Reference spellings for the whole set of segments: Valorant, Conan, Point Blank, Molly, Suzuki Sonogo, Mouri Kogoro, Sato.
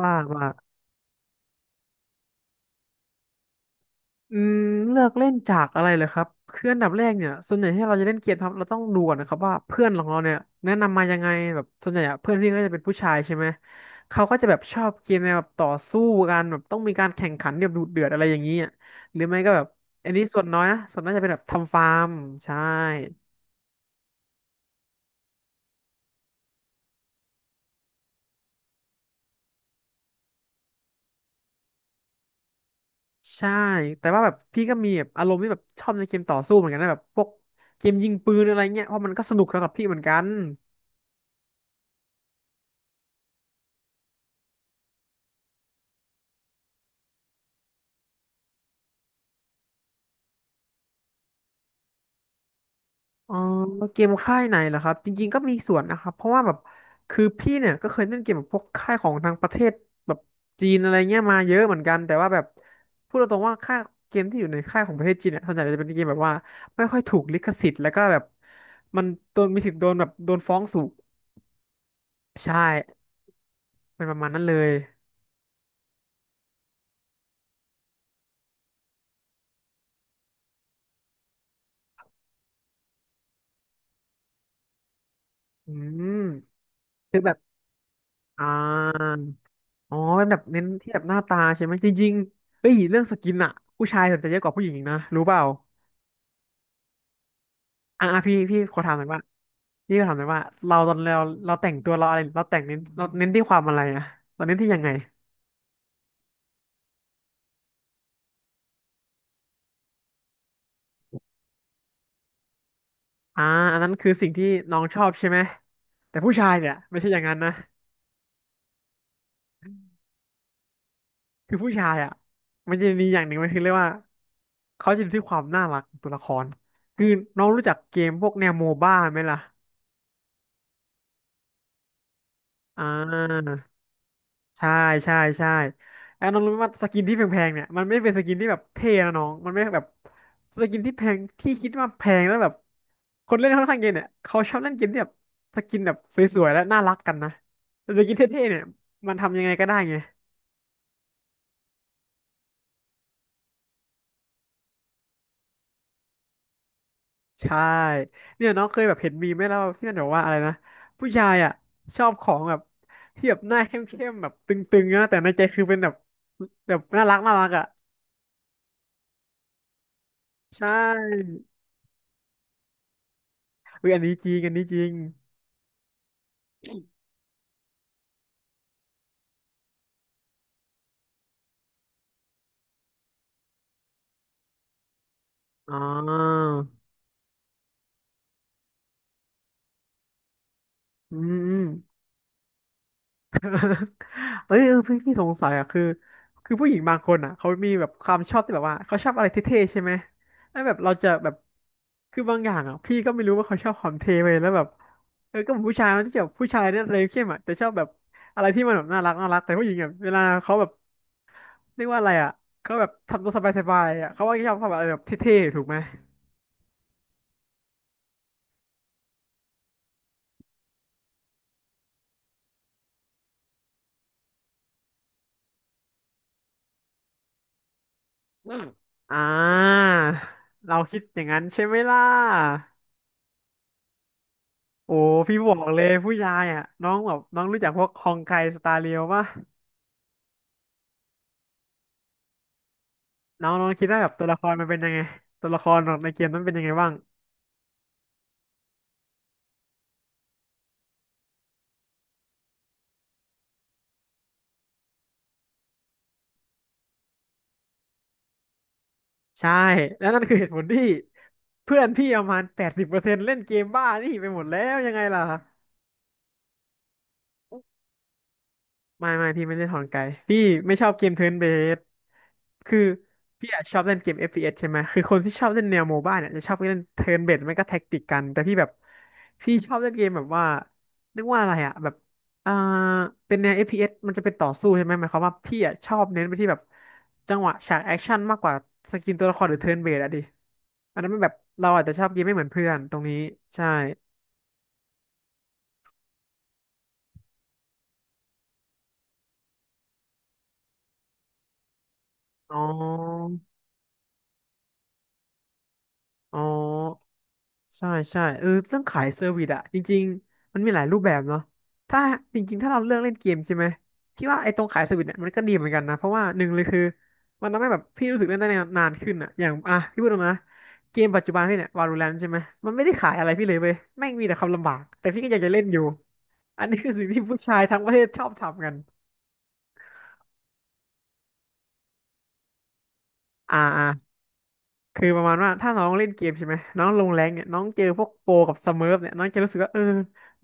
ว่างมากอืมเลือกเล่นจากอะไรเลยครับคืออันดับแรกเนี่ยส่วนใหญ่ที่เราจะเล่นเกมครับเราต้องดูก่อนนะครับว่าเพื่อนของเราเนี่ยแนะนำมายังไงแบบส่วนใหญ่อะเพื่อนพี่ก็จะเป็นผู้ชายใช่ไหมเขาก็จะแบบชอบเกมแนวแบบต่อสู้กันแบบต้องมีการแข่งขันแบบดุเดือดอะไรอย่างนี้อะหรือไม่ก็แบบอันนี้ส่วนน้อยนะส่วนน้อยจะเป็นแบบทำฟาร์มใช่ใช่แต่ว่าแบบพี่ก็มีแบบอารมณ์ที่แบบชอบในเกมต่อสู้เหมือนกันนะแบบพวกเกมยิงปืนอะไรเงี้ยเพราะมันก็สนุกสำหรับพี่เหมือนกัน อ๋อเกมค่ายไหนเหรอครับจริงๆก็มีส่วนนะครับเพราะว่าแบบคือพี่เนี่ยก็เคยเล่นเกมแบบพวกค่ายของทางประเทศแบบจีนอะไรเงี้ยมาเยอะเหมือนกันแต่ว่าแบบพูดตรงๆว่าค่ายเกมที่อยู่ในค่ายของประเทศจีนเนี่ยส่วนใหญ่จะเป็นเกมแบบว่าไม่ค่อยถูกลิขสิทธิ์แล้วก็แบบมันโดนมีสิทธิ์โดนแบบโดนฟ้องสูงใช่เป็นประมาณนั้นเลยอืมคือแบบอ่าอ๋อเป็นแบบเน้นที่แบบหน้าตาใช่ไหมจริงๆเฮ้ยเรื่องสกินอะผู้ชายสนใจเยอะกว่าผู้หญิงอีกนะรู้เปล่า อ่ะอ่ะพี่ขอถามหน่อยว่าพี่ขอถามหน่อยว่าเราตอนเราแต่งตัวเราอะไรเราแต่งเน้นเราเน้นที่ความอะไรอะเราเน้นที่ยังไงอ่าอันนั้นคือสิ่งที่น้องชอบใช่ไหมแต่ผู้ชายเนี่ยไม่ใช่อย่างนั้นนะคือผู้ชายอ่ะมันจะมีอย่างหนึ่งมันคือเรียกว่าเขาจะดูที่ความน่ารักของตัวละครคือน้องรู้จักเกมพวกแนวโมบ้าไหมล่ะอ่า ใช่ใช่ไอ้น้องรู้ไหมว่าสกินที่แพงๆเนี่ยมันไม่เป็นสกินที่แบบเท่นะน้องมันไม่แบบสกินที่แพงที่คิดว่าแพงแล้วแบบคนเล่นค่อนข้างเกมเนี่ยเขาชอบเล่นเกมที่แบบสกินแบบสวยๆและน่ารักกันนะแต่สกินเท่ๆเนี่ยมันทำยังไงก็ได้ไงใช่เนี่ยน้องเคยแบบเห็นมีมไหมแล้วที่มันบอกว่าอะไรนะผู้ชายอ่ะชอบของแบบที่แบบหน้าเข้มๆแบบตึงๆนะแต่ในใจคือเป็นแบบแบบน่ารักน่ารักอ่ะใช่เฮ้ยอันนี้จริงอันนี้จริง อ่าอืมอืมเอ้ยเออพี่สงสัยอ่ะคือคือผู้หญิงบางคนอ่ะเขามีแบบความชอบที่แบบว่าเขาชอบอะไรเท่ๆใช่ไหมแล้วแบบเราจะแบบคือบางอย่างอ่ะพี่ก็ไม่รู้ว่าเขาชอบความเท่ไปแล้วแบบเออก็เหมือนผู้ชายมันจะแบบผู้ชายเนี่ยเลยเข้มอ่ะแต่ชอบแบบอะไรที่มันแบบน่ารักน่ารักแต่ผู้หญิงอ่ะเวลาเขาแบบเรียกว่าอะไรอ่ะเขาแบบทำตัวสบายๆอ่ะเขาว่าชอบความอะไรแบบเท่ๆถูกไหมอืมอ่าเราคิดอย่างนั้นใช่ไหมล่ะ โอ้พี่บอกเลยผู้ชายอ่ะน้องรู้จักพวกฮองไกสตาร์เรียวป่ะน้องน้องคิดว่าแบบตัวละครมันเป็นยังไงตัวละครของในเกมนั้นเป็นยังไงบ้างใช่แล้วนั่นคือเหตุผลที่เพื่อนพี่ประมาณ80%เล่นเกมบ้านี่ไปหมดแล้วยังไงล่ะ ไม่ไม่พี่ไม่ได้ถอนไกลพี่ไม่ชอบเกมเทิร์นเบสคือพี่อะชอบเล่นเกม f อฟพีเอสใช่ไหมคือคนที่ชอบเล่นแนวโมบ้าเนี่ยจะชอบเล่นเทิร์นเบสไม่ก็แท็กติกกันแต่พี่แบบพี่ชอบเล่นเกมแบบว่าเรียกว่าอะไรอะแบบอ่าเป็นแนว f อฟพีเอสมันจะเป็นต่อสู้ใช่ไหมหมายความว่าพี่อะชอบเน้นไปที่แบบจังหวะฉากแอคชั่นมากกว่าสกินตัวละครหรือเทิร์นเบสอะดิอันนั้นมันแบบเราอาจจะชอบเกมไม่เหมือนเพื่อนตรงนี้ใช่อ๋ออ๋อ ใช่ใช่เออเรื่องขายเซอร์วิสอะจริงๆมันมีหลายรูปแบบเนาะถ้าจริงๆถ้าเราเลือกเล่นเกมใช่ไหมพี่ว่าไอ้ตรงขายเซอร์วิสเนี่ยมันก็ดีเหมือนกันนะเพราะว่าหนึ่งเลยคือมันทำให้แบบพี่รู้สึกเล่นได้นานขึ้นอะอย่างอ่ะพี่พูดตรงนะเกมปัจจุบันพี่เนี่ยวาโลแรนใช่ไหมมันไม่ได้ขายอะไรพี่เลยเว้ยแม่งมีแต่ความลำบากแต่พี่ก็อยากจะเล่นอยู่อันนี้คือสิ่งที่ผู้ชายทั้งประเทศชอบทำกันอ่าอ่า คือประมาณว่าถ้าน้องเล่นเกมใช่ไหมน้องลงแรงเนี่ยน้องเจอพวกโปรกับสเมิร์ฟเนี่ยน้องจะรู้สึกว่าเออ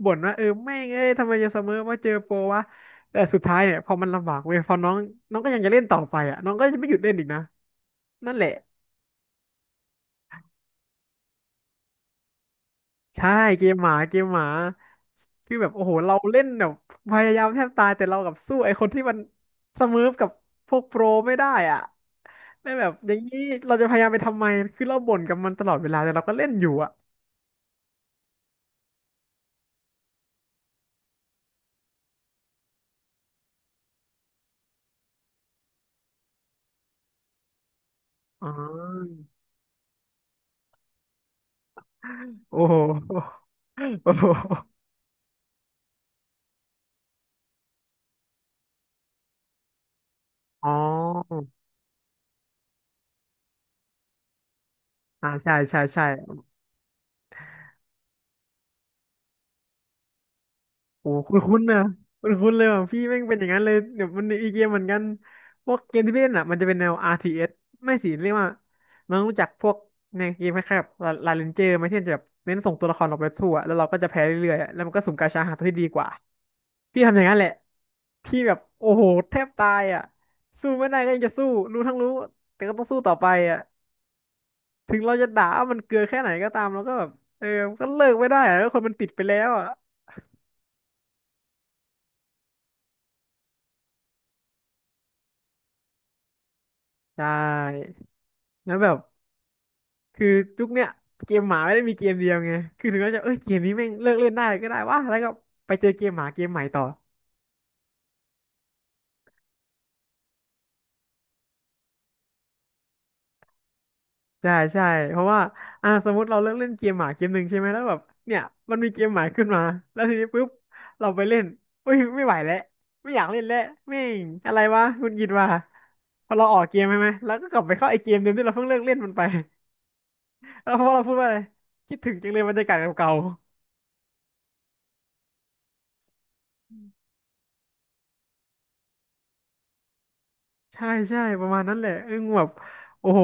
บ่นว่าเออแม่งเอ้ยทำไมจะสเมิร์ฟว่าเจอโปรวะแต่สุดท้ายเนี่ยพอมันลำบากเว้ยพอน้องก็ยังจะเล่นต่อไปอ่ะน้องก็จะไม่หยุดเล่นอีกนะนั่นแหละใช่เกมหมาเกมหมาคือแบบโอ้โหเราเล่นแบบพยายามแทบตายแต่เรากับสู้ไอ้คนที่มันสเมิร์ฟกับพวกโปรไม่ได้อ่ะไล้แบบอย่างนี้เราจะพยายามไปทำไมคือเราบ่นกับมันตลอดเวลาแต่เราก็เล่นอยู่อ่ะอ๋อ โอ้โหโอ้โหอ๋ออ่าใช่ใช่ ใช่ โอ้คุ้นคุ้นนะคุ้นคุ้นเลยว่ะพี่แม่งเป็นอย่างนั้นเลยเดี๋ยวมันอีเกมเหมือนกันพวกเกมที่พี่เล่นอ่ะมันจะเป็นแนว RTS ไม่สิเรียกว่าน้องรู้จักพวกในเกมคล้ายๆกบบลาเรนเจอร์ไหมที่มันจะแบบเน้นส่งตัวละครออกไปสู้อะแล้วเราก็จะแพ้เรื่อยๆอะแล้วมันก็สุ่มกาชาหาตัวที่ดีกว่าพี่ทำอย่างนั้นแหละพี่แบบโอ้โหแทบตายอ่ะสู้ไม่ได้ก็ยังจะสู้รู้ทั้งรู้แต่ก็ต้องสู้ต่อไปอ่ะ ถึงเราจะด่าว่ามันเกลือแค่ไหนก็ตามเราก็แบบเออมันก็เลิกไม่ได้อะแล้วคนมันติดไปแล้วอ่ะใช่แล้วแบบคือยุคเนี้ยเกมหมาไม่ได้มีเกมเดียวไงคือถึงเราจะเอ้ยเกมนี้แม่งเลิกเล่นได้ก็ได้วะแล้วก็ไปเจอเกมหมาเกมใหม่ต่อใช่ใช่เพราะว่าอ่าสมมติเราเลิกเล่นเกมหมาเกมหนึ่งใช่ไหมแล้วแบบเนี่ยมันมีเกมหมาขึ้นมาแล้วทีนี้ปุ๊บเราไปเล่นเอ้ยไม่ไหวแล้วไม่อยากเล่นแล้วแม่งอะไรวะหงุดหงิดว่ะพอเราออกเกมใช่ไหมแล้วก็กลับไปเข้าไอเกมเดิมที่เราเพิ่งเลิกเล่นมันไป แล้วพอเราพูดว่าอะไรคิดถึงจังเลยบรรยากาศเก่าๆใช่ใช่ประมาณนั้นแหละอึ้งแบบโอ้โห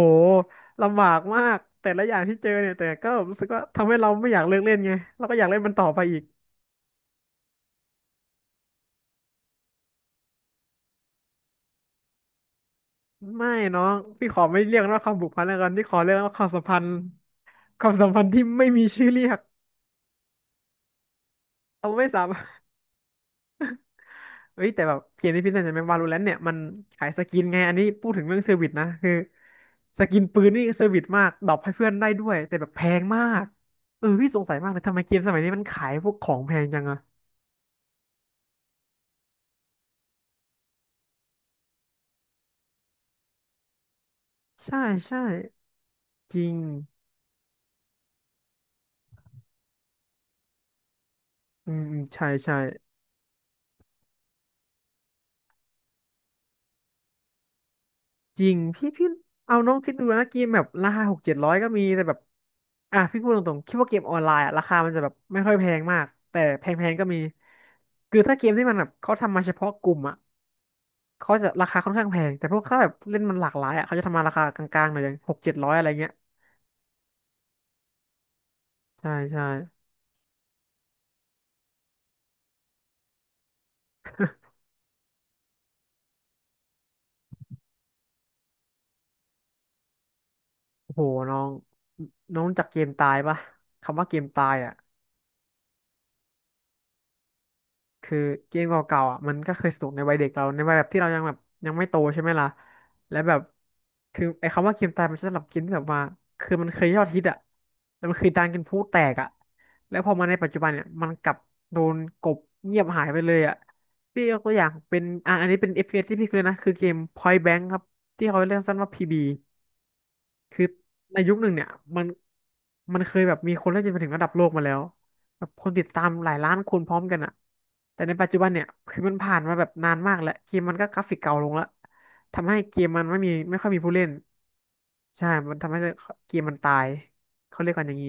ลำบากมากแต่ละอย่างที่เจอเนี่ยแต่ก็รู้สึกว่าทำให้เราไม่อยากเลิกเล่นไงเราก็อยากเล่นมันต่อไปอีกไม่น้องพี่ขอไม่เรียกว่าความผูกพันแล้วกันพี่ขอเรียกว่าความสัมพันธ์ความสัมพันธ์ที่ไม่มีชื่อเรียกเราไม่สามารถ เอ้ยแต่แบบเกมที่พี่เล่นในแมวาโลแลนต์เนี่ยมันขายสกินไงอันนี้พูดถึงเรื่องเซอร์วิสนะคือสกินปืนนี่เซอร์วิสมากดรอปให้เพื่อนได้ด้วยแต่แบบแพงมากเออพี่สงสัยมากเลยทำไมเกมสมัยนี้มันขายพวกของแพงจังอะใช่ใช่จริงอืมอืมใช่ใช่จริงพี่เอาน้องคิดดูนะเกมแบบราคาหกเจ็ดร้อยก็มีแต่แบบอ่ะพี่พูดตรงๆคิดว่าเกมออนไลน์อะราคามันจะแบบไม่ค่อยแพงมากแต่แพงๆก็มีคือถ้าเกมที่มันแบบเขาทำมาเฉพาะกลุ่มอะ เขาจะราคาค่อนข้างแพงแต่พวกถ้าแบบเล่นมันหลากหลายอ่ะเขาจะทำมาราคากลางๆหน่อยอย่างหกเจ็ดร้อยอะไรเงี้ยใช่ใช่โอ้โหน้องน้องรู้จักเกมตายปะคำว่าเกมตายอ่ะ คือเกมเก่าๆอ่ะมันก็เคยสนุกในวัยเด็กเราในวัยแบบที่เรายังแบบยังไม่โตใช่ไหมล่ะและแบบคือไอ้คำว่าเกมตายมันจะสำหรับเกินแบบว่าคือมันเคยยอดฮิตอ่ะแล้วมันคือดังกินพลุแตกอ่ะแล้วพอมาในปัจจุบันเนี่ยมันกลับโดนกลบเงียบหายไปเลยอ่ะพี่ยกตัวอย่างเป็นอ่ะอันนี้เป็น FPS ที่พี่เคยนะคือเกม Point Blank ครับที่เขาเรียกสั้นว่า PB คือในยุคหนึ่งเนี่ยมันมันเคยแบบมีคนเล่นจนไปถึงระดับโลกมาแล้วแบบคนติดตามหลายล้านคนพร้อมกันอะแต่ในปัจจุบันเนี่ยคือมันผ่านมาแบบนานมากแล้วเกมมันก็กราฟิกเก่าลงแล้วทำให้เกมมันไม่มีไม่ค่อยมีผู้เล่นใช่มันทำให้เกมมันตายเขาเรียกกันอย่างนี้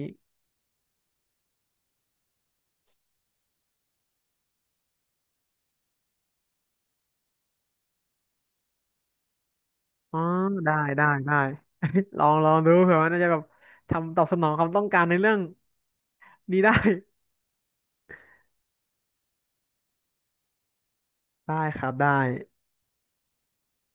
อ๋อได้ได้ได้ ลองลองดูเผื่อว่าน่าจะแบบทำตอบสนองความต้องการในเรื่องนี้ได้ได้ครับได้